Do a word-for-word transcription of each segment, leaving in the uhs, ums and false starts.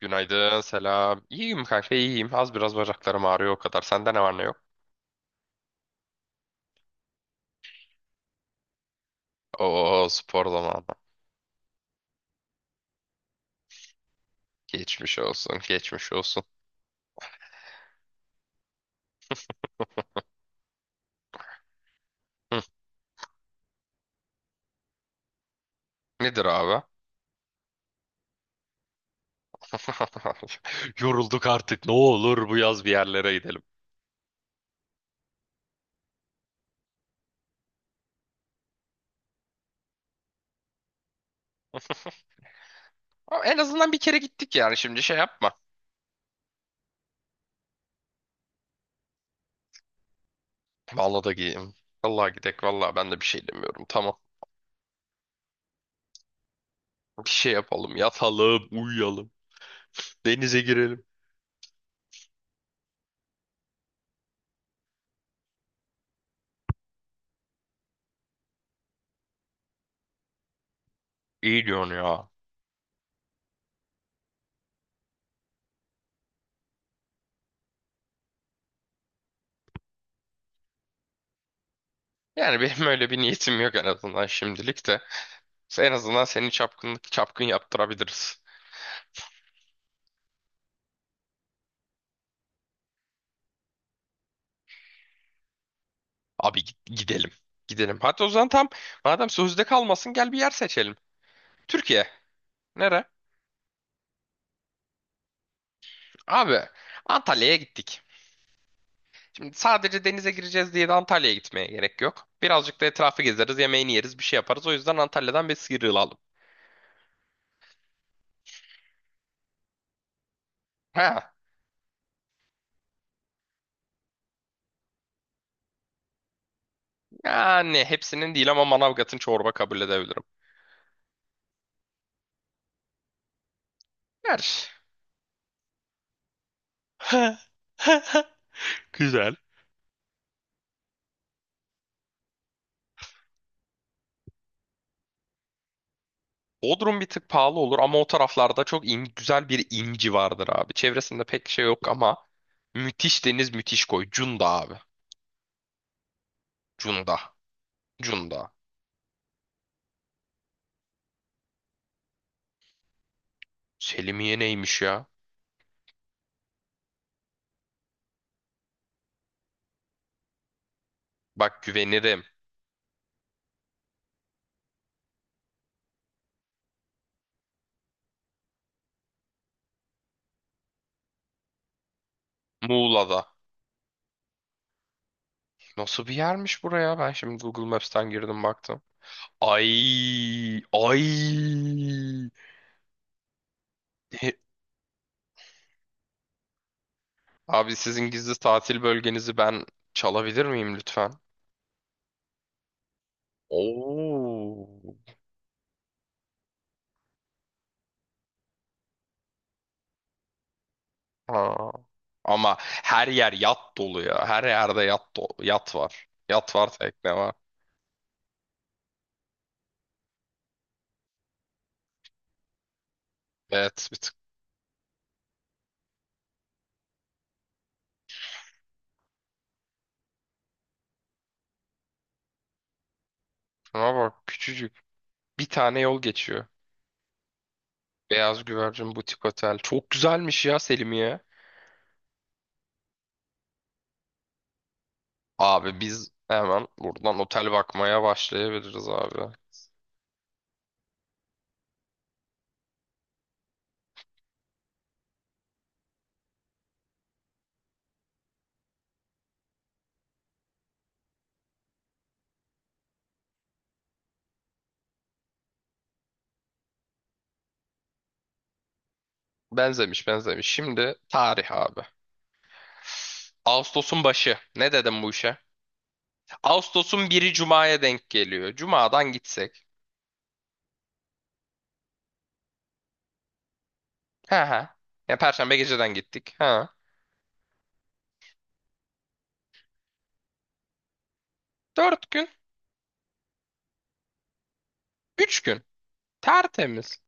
Günaydın, selam. İyiyim kanka, iyiyim. Az biraz bacaklarım ağrıyor o kadar. Sende ne var ne yok? Oo, spor zamanı. Geçmiş olsun, geçmiş olsun. Hı, nedir abi? Yorulduk artık. Ne olur bu yaz bir yerlere gidelim. Ama en azından bir kere gittik yani. Şimdi şey yapma. Vallahi da gideyim. Vallahi gidek. Vallahi ben de bir şey demiyorum. Tamam. Bir şey yapalım. Yatalım, uyuyalım. Denize girelim. İyi diyorsun ya. Yani benim öyle bir niyetim yok en azından şimdilik de. En azından seni çapkınlık çapkın yaptırabiliriz. Abi git- gidelim. Gidelim. Hatta o zaman tam, madem sözde kalmasın, gel bir yer seçelim. Türkiye. Nere? Abi Antalya'ya gittik. Şimdi sadece denize gireceğiz diye de Antalya'ya gitmeye gerek yok. Birazcık da etrafı gezeriz, yemeğini yeriz, bir şey yaparız. O yüzden Antalya'dan bir sıyrılalım. Ha, yani hepsinin değil ama Manavgat'ın çorba kabul edebilirim. Her. Güzel. Bodrum bir tık pahalı olur ama o taraflarda çok in- güzel bir inci vardır abi. Çevresinde pek şey yok ama müthiş deniz, müthiş koy. Cunda abi. Cunda. Cunda. Selimiye neymiş ya? Bak güvenirim. Muğla'da. Nasıl bir yermiş buraya? Ben şimdi Google Maps'ten girdim baktım. Ay, ay. E, Abi sizin gizli tatil bölgenizi ben çalabilir miyim lütfen? Oo. Aa. Ama her yer yat dolu ya. Her yerde yat dolu, yat var. Yat var, tekne var. Evet, bir tık. Ama bak küçücük. Bir tane yol geçiyor. Beyaz Güvercin Butik Otel. Çok güzelmiş ya Selimiye. Abi biz hemen buradan otel bakmaya başlayabiliriz abi. Benzemiş benzemiş. Şimdi tarih abi. Ağustos'un başı. Ne dedim bu işe? Ağustos'un biri Cuma'ya denk geliyor. Cuma'dan gitsek. He he. Ya Perşembe geceden gittik. Ha. Dört gün. Üç gün. Tertemiz.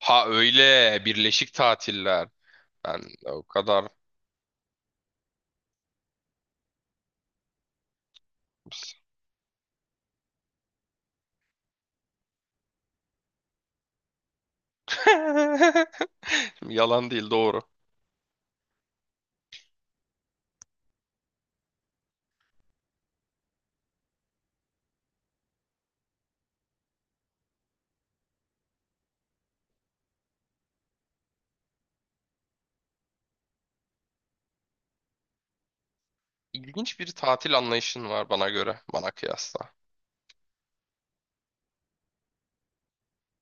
Ha, öyle birleşik tatiller. Ben o kadar. Şimdi yalan değil, doğru. İlginç bir tatil anlayışın var bana göre, bana kıyasla.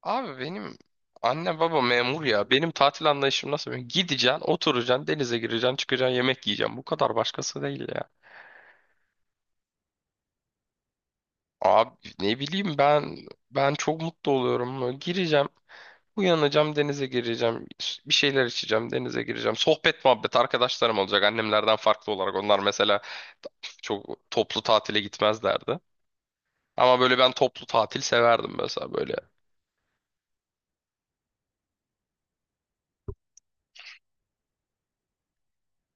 Abi benim anne baba memur ya. Benim tatil anlayışım nasıl biliyor? Gideceksin, oturacaksın, denize gireceksin, çıkacaksın, yemek yiyeceksin. Bu kadar, başkası değil ya. Abi ne bileyim, ben ben çok mutlu oluyorum böyle. Gireceğim. Uyanacağım, denize gireceğim, bir şeyler içeceğim, denize gireceğim. Sohbet muhabbet arkadaşlarım olacak. Annemlerden farklı olarak onlar mesela çok toplu tatile gitmezlerdi. Ama böyle ben toplu tatil severdim mesela böyle.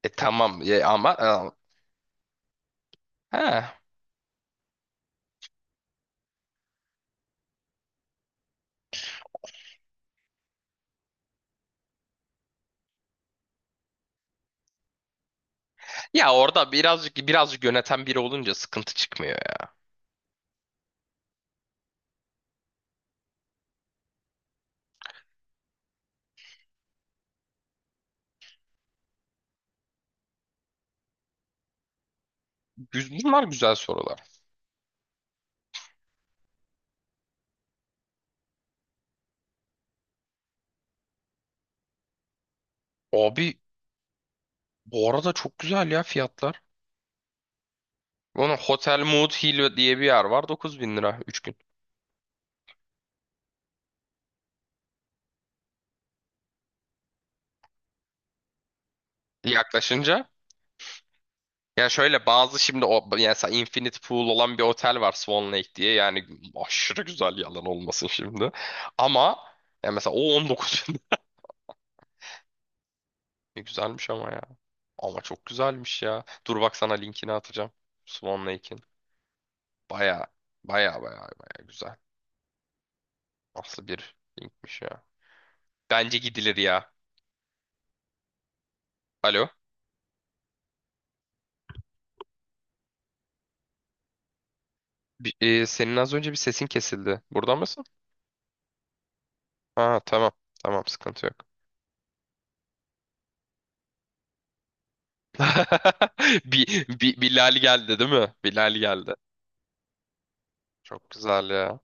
E tamam ya ama e, he. Ya orada birazcık birazcık yöneten biri olunca sıkıntı çıkmıyor ya. Güz- Bunlar güzel sorular. Abi bu arada çok güzel ya fiyatlar. Bunun Hotel Mood Hill diye bir yer var, dokuz bin lira üç gün. Yaklaşınca. Ya şöyle bazı şimdi o, yani mesela Infinite Pool olan bir otel var Swan Lake diye. Yani aşırı güzel yalan olmasın şimdi. Ama ya mesela o on dokuz bin. Ne güzelmiş ama ya. Ama çok güzelmiş ya. Dur bak, sana linkini atacağım. Swan Lake'in. Baya baya baya baya güzel. Nasıl bir linkmiş ya. Bence gidilir ya. Alo. Bir- e, senin az önce bir sesin kesildi. Burada mısın? Ha tamam. Tamam, sıkıntı yok. Bir, bir, Bilal geldi değil mi? Bilal geldi. Çok güzel ya.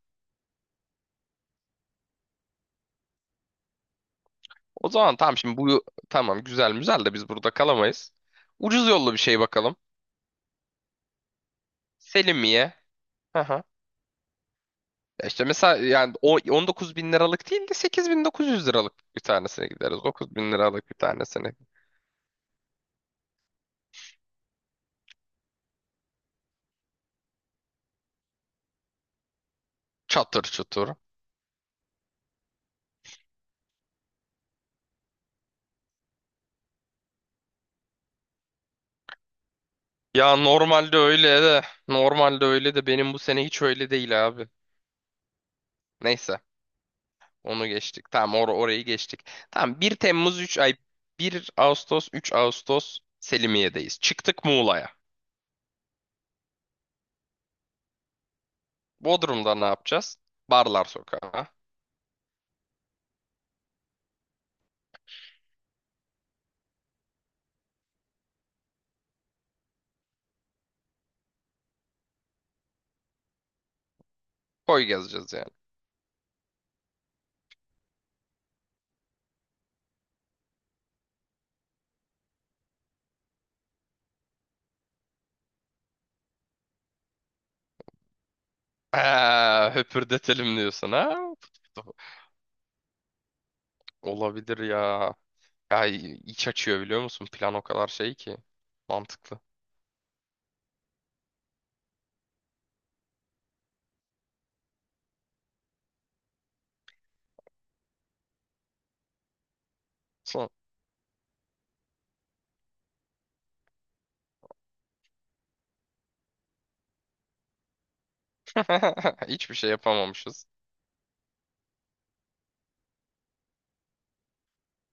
O zaman tamam, şimdi bu tamam güzel güzel de biz burada kalamayız. Ucuz yollu bir şey bakalım. Selimiye. Hı hı. Ya İşte mesela yani o on dokuz bin liralık değil de sekiz bin dokuz yüz liralık bir tanesine gideriz. dokuz bin liralık bir tanesine. Çatır çutur. Ya normalde öyle de normalde öyle de benim bu sene hiç öyle değil abi. Neyse, onu geçtik. Tamam, or orayı geçtik. Tamam, bir Temmuz üç ay, bir Ağustos üç Ağustos Selimiye'deyiz. Çıktık Muğla'ya. Bodrum'da ne yapacağız? Barlar sokağı. Koy gezeceğiz yani. Ha, höpürdetelim diyorsun ha? Olabilir ya. Ya iç açıyor, biliyor musun? Plan o kadar şey ki. Mantıklı. Son. Hiçbir şey yapamamışız.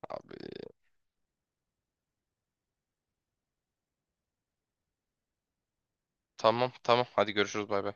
Abi tamam tamam, hadi görüşürüz, bay bay.